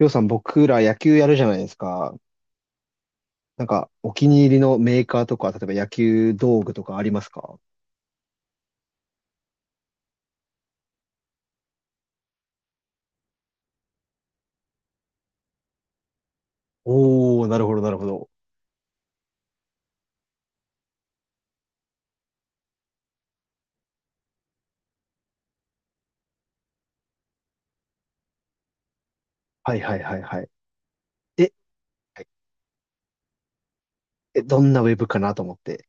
りょうさん、僕ら野球やるじゃないですか。なんか、お気に入りのメーカーとか、例えば野球道具とかありますか？おー、なるほど、なるほど。はいはいはいはい。え、はい。え、どんなウェブかなと思って。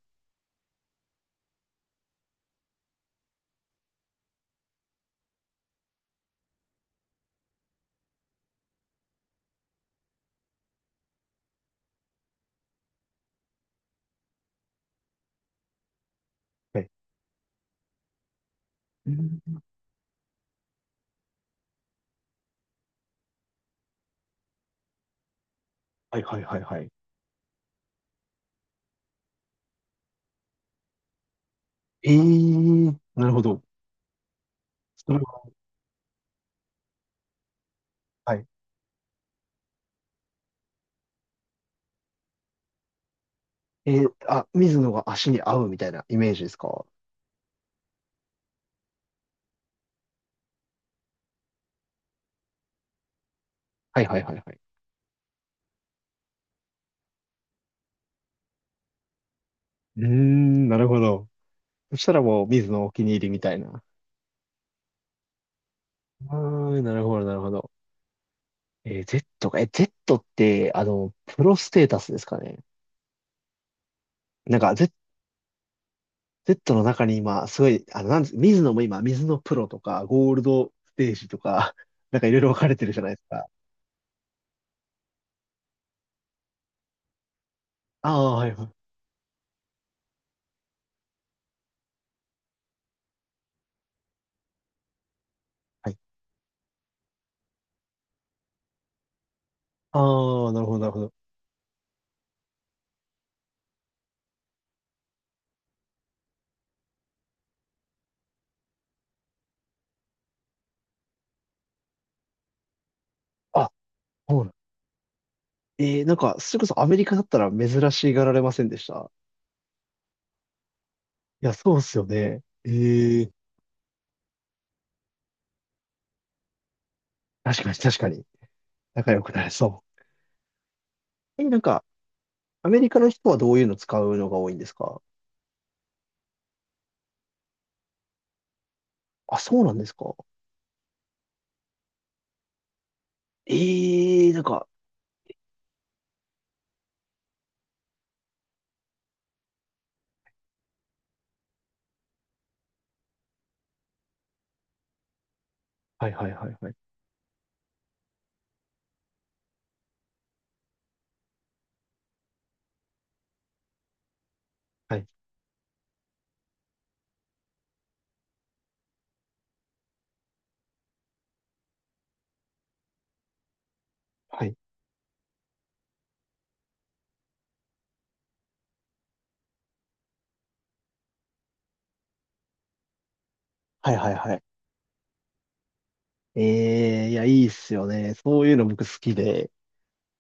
はい。うん。はいはいはいはい。えー、なるほど。それは、はい。えーあ、水野が足に合うみたいなイメージですか？はいはいはいはい。うーん、なるほど。そしたらもう、水のお気に入りみたいな。あー、なるほど、なるほど。えー Z か。え、Z って、プロステータスですかね。なんか、Z、Z の中に今、すごい、なんです、水野も今、水野プロとか、ゴールドステージとか、なんかいろいろ分かれてるじゃないですか。ああ、はいはい。はい。ああ、なるほど、なるほど。あ、そうなん。えー、なんか、それこそアメリカだったら珍しがられませんでした？いや、そうっすよね。ええ。確かに確かに。仲良くなれそう。え、なんか、アメリカの人はどういうの使うのが多いんですか？あ、そうなんですか？ええなんか、はいはいはいはい。はい、はい、はいはいはい。ええいや、いいっすよね。そういうの僕好きで。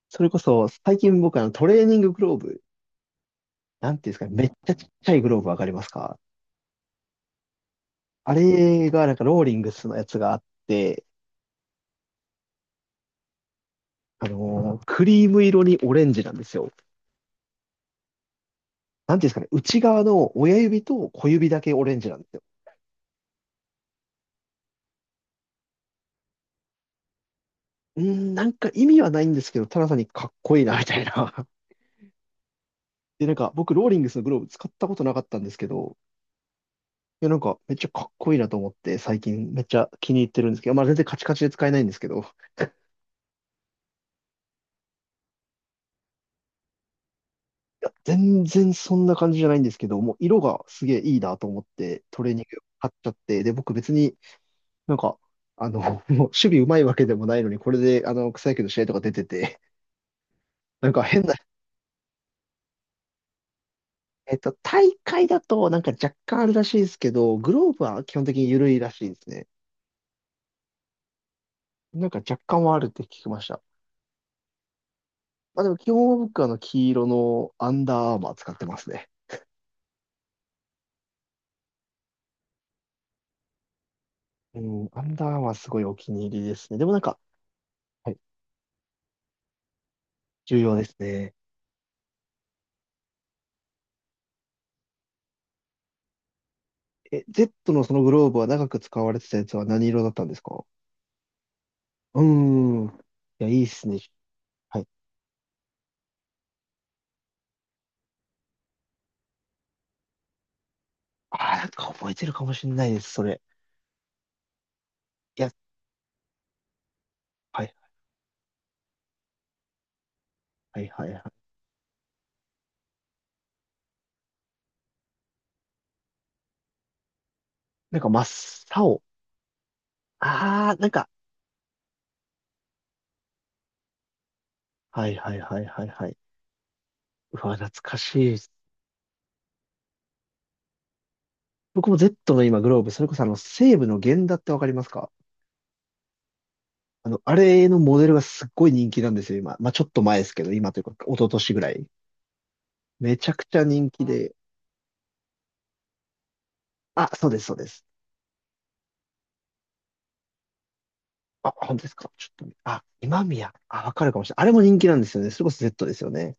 それこそ、最近僕トレーニンググローブ、なんていうんですかね、めっちゃちっちゃいグローブわかりますか？あれがなんかローリングスのやつがあって、クリーム色にオレンジなんですよ。なんていうんですかね、内側の親指と小指だけオレンジなんですよ。うーん、なんか意味はないんですけど、ただ単にかっこいいな、みたいな。で、なんか僕、ローリングスのグローブ使ったことなかったんですけど、いや、なんかめっちゃかっこいいなと思って、最近めっちゃ気に入ってるんですけど、まあ全然カチカチで使えないんですけど、いや、全然そんな感じじゃないんですけど、もう色がすげえいいなと思って、トレーニング買っちゃって、で、僕別になんか、あの、もう守備うまいわけでもないのに、これで、草野球の試合とか出てて、なんか変な、大会だとなんか若干あるらしいですけど、グローブは基本的に緩いらしいですね。なんか若干はあるって聞きました。まあでも基本は僕は黄色のアンダーアーマー使ってますね。うん、アンダーアーマーすごいお気に入りですね。でもなんか、はい、重要ですね。え、Z のそのグローブは長く使われてたやつは何色だったんですか？うーん。いや、いいっすね。はい。ああ、なんか覚えてるかもしれないです、それ。いや、はい、はい、はい、はい。なんか真っ青。ああ、なんか、はい、はい、はい、はい、はい。うわ、懐かしい。僕も Z の今グローブ、それこそ西武の源田ってわかりますか？あれのモデルがすっごい人気なんですよ、今。まあ、ちょっと前ですけど、今というか、一昨年ぐらい。めちゃくちゃ人気で。あ、そうです、そうです。あ、本当ですか？ちょっと、あ、今宮。あ、わかるかもしれない。あれも人気なんですよね。それこそ Z ですよね。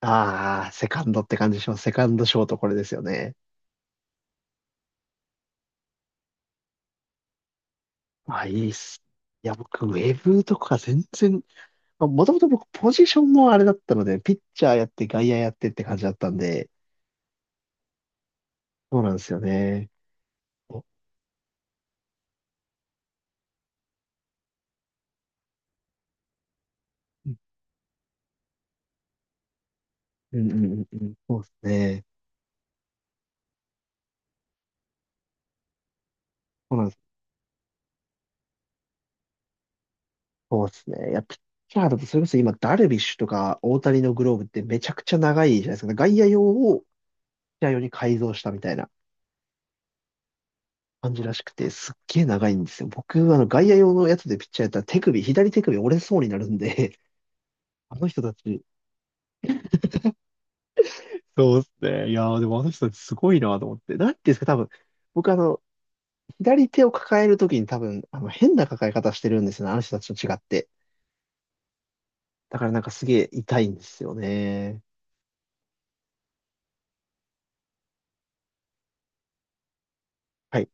ああ、セカンドって感じします。セカンドショートこれですよね。あ、いいっす。いや、僕、ウェブとか全然、まあ、もともと僕、ポジションもあれだったので、ピッチャーやって、外野やってって感じだったんで、そうなんですよね。お。うんうんうんうん、そうですね。そうなんです。そうですね。いや、ピッチャーだと、それこそ今、ダルビッシュとか大谷のグローブってめちゃくちゃ長いじゃないですか。外野用をピッチャー用に改造したみたいな感じらしくて、すっげえ長いんですよ。僕、外野用のやつでピッチャーやったら手首、左手首折れそうになるんで、あの人たち、そうですね。いやー、でもあの人たちすごいなと思って。なんていうんですか、多分、僕左手を抱えるときに多分、変な抱え方してるんですよね。あの人たちと違って。だからなんかすげえ痛いんですよね。はい。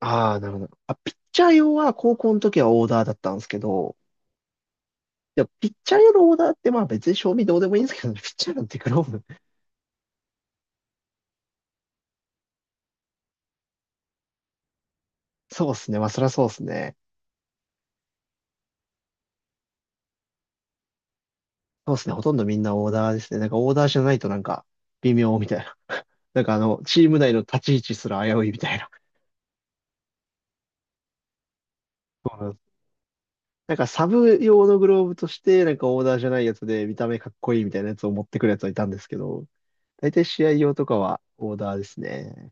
ああ、なるほど。あ、ピッチャー用は高校の時はオーダーだったんですけど、でもピッチャー用のオーダーってまあ別に賞味どうでもいいんですけどね、ピッチャーなんてグローブ。そうですね。まあそりゃそうですね。そうですね。ほとんどみんなオーダーですね。なんかオーダーじゃないとなんか微妙みたいな。なんかチーム内の立ち位置すら危ういみたいな。そうなんです。なんかサブ用のグローブとして、なんかオーダーじゃないやつで見た目かっこいいみたいなやつを持ってくるやつはいたんですけど、大体試合用とかはオーダーですね。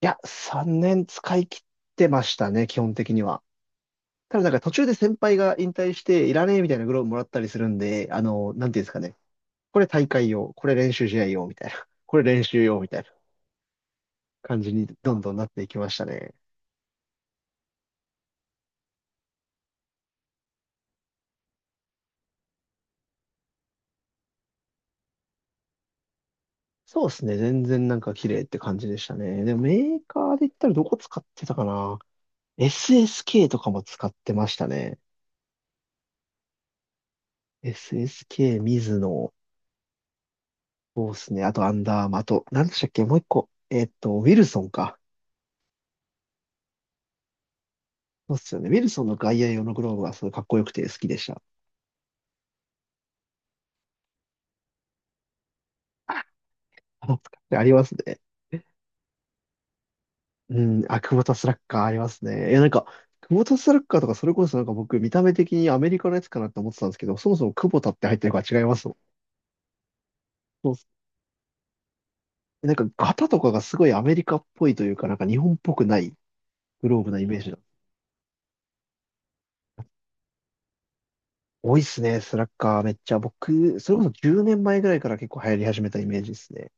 いや、3年使い切ってましたね、基本的には。ただなんか途中で先輩が引退していらねえみたいなグローブもらったりするんで、なんていうんですかね。これ大会用、これ練習試合用みたいな、これ練習用みたいな感じにどんどんなっていきましたね。そうですね、全然なんか綺麗って感じでしたね。でもメーカーで言ったらどこ使ってたかな？ SSK とかも使ってましたね。SSK、ミズノ、そうですね、あとアンダーマーあと、なんでしたっけ、もう一個、ウィルソンか。そうっすよね。ウィルソンの外野用のグローブはすごいかっこよくて好きでした。あ、使ってありますね。うん、あ、クボタスラッガーありますね。いや、なんか、クボタスラッガーとかそれこそなんか僕見た目的にアメリカのやつかなって思ってたんですけど、そもそもクボタって入ってるから違いますもん。そうっす。なんか型とかがすごいアメリカっぽいというか、なんか日本っぽくないグローブなイメージだ。多いっすね、スラッガーめっちゃ。僕、それこそ10年前ぐらいから結構流行り始めたイメージですね。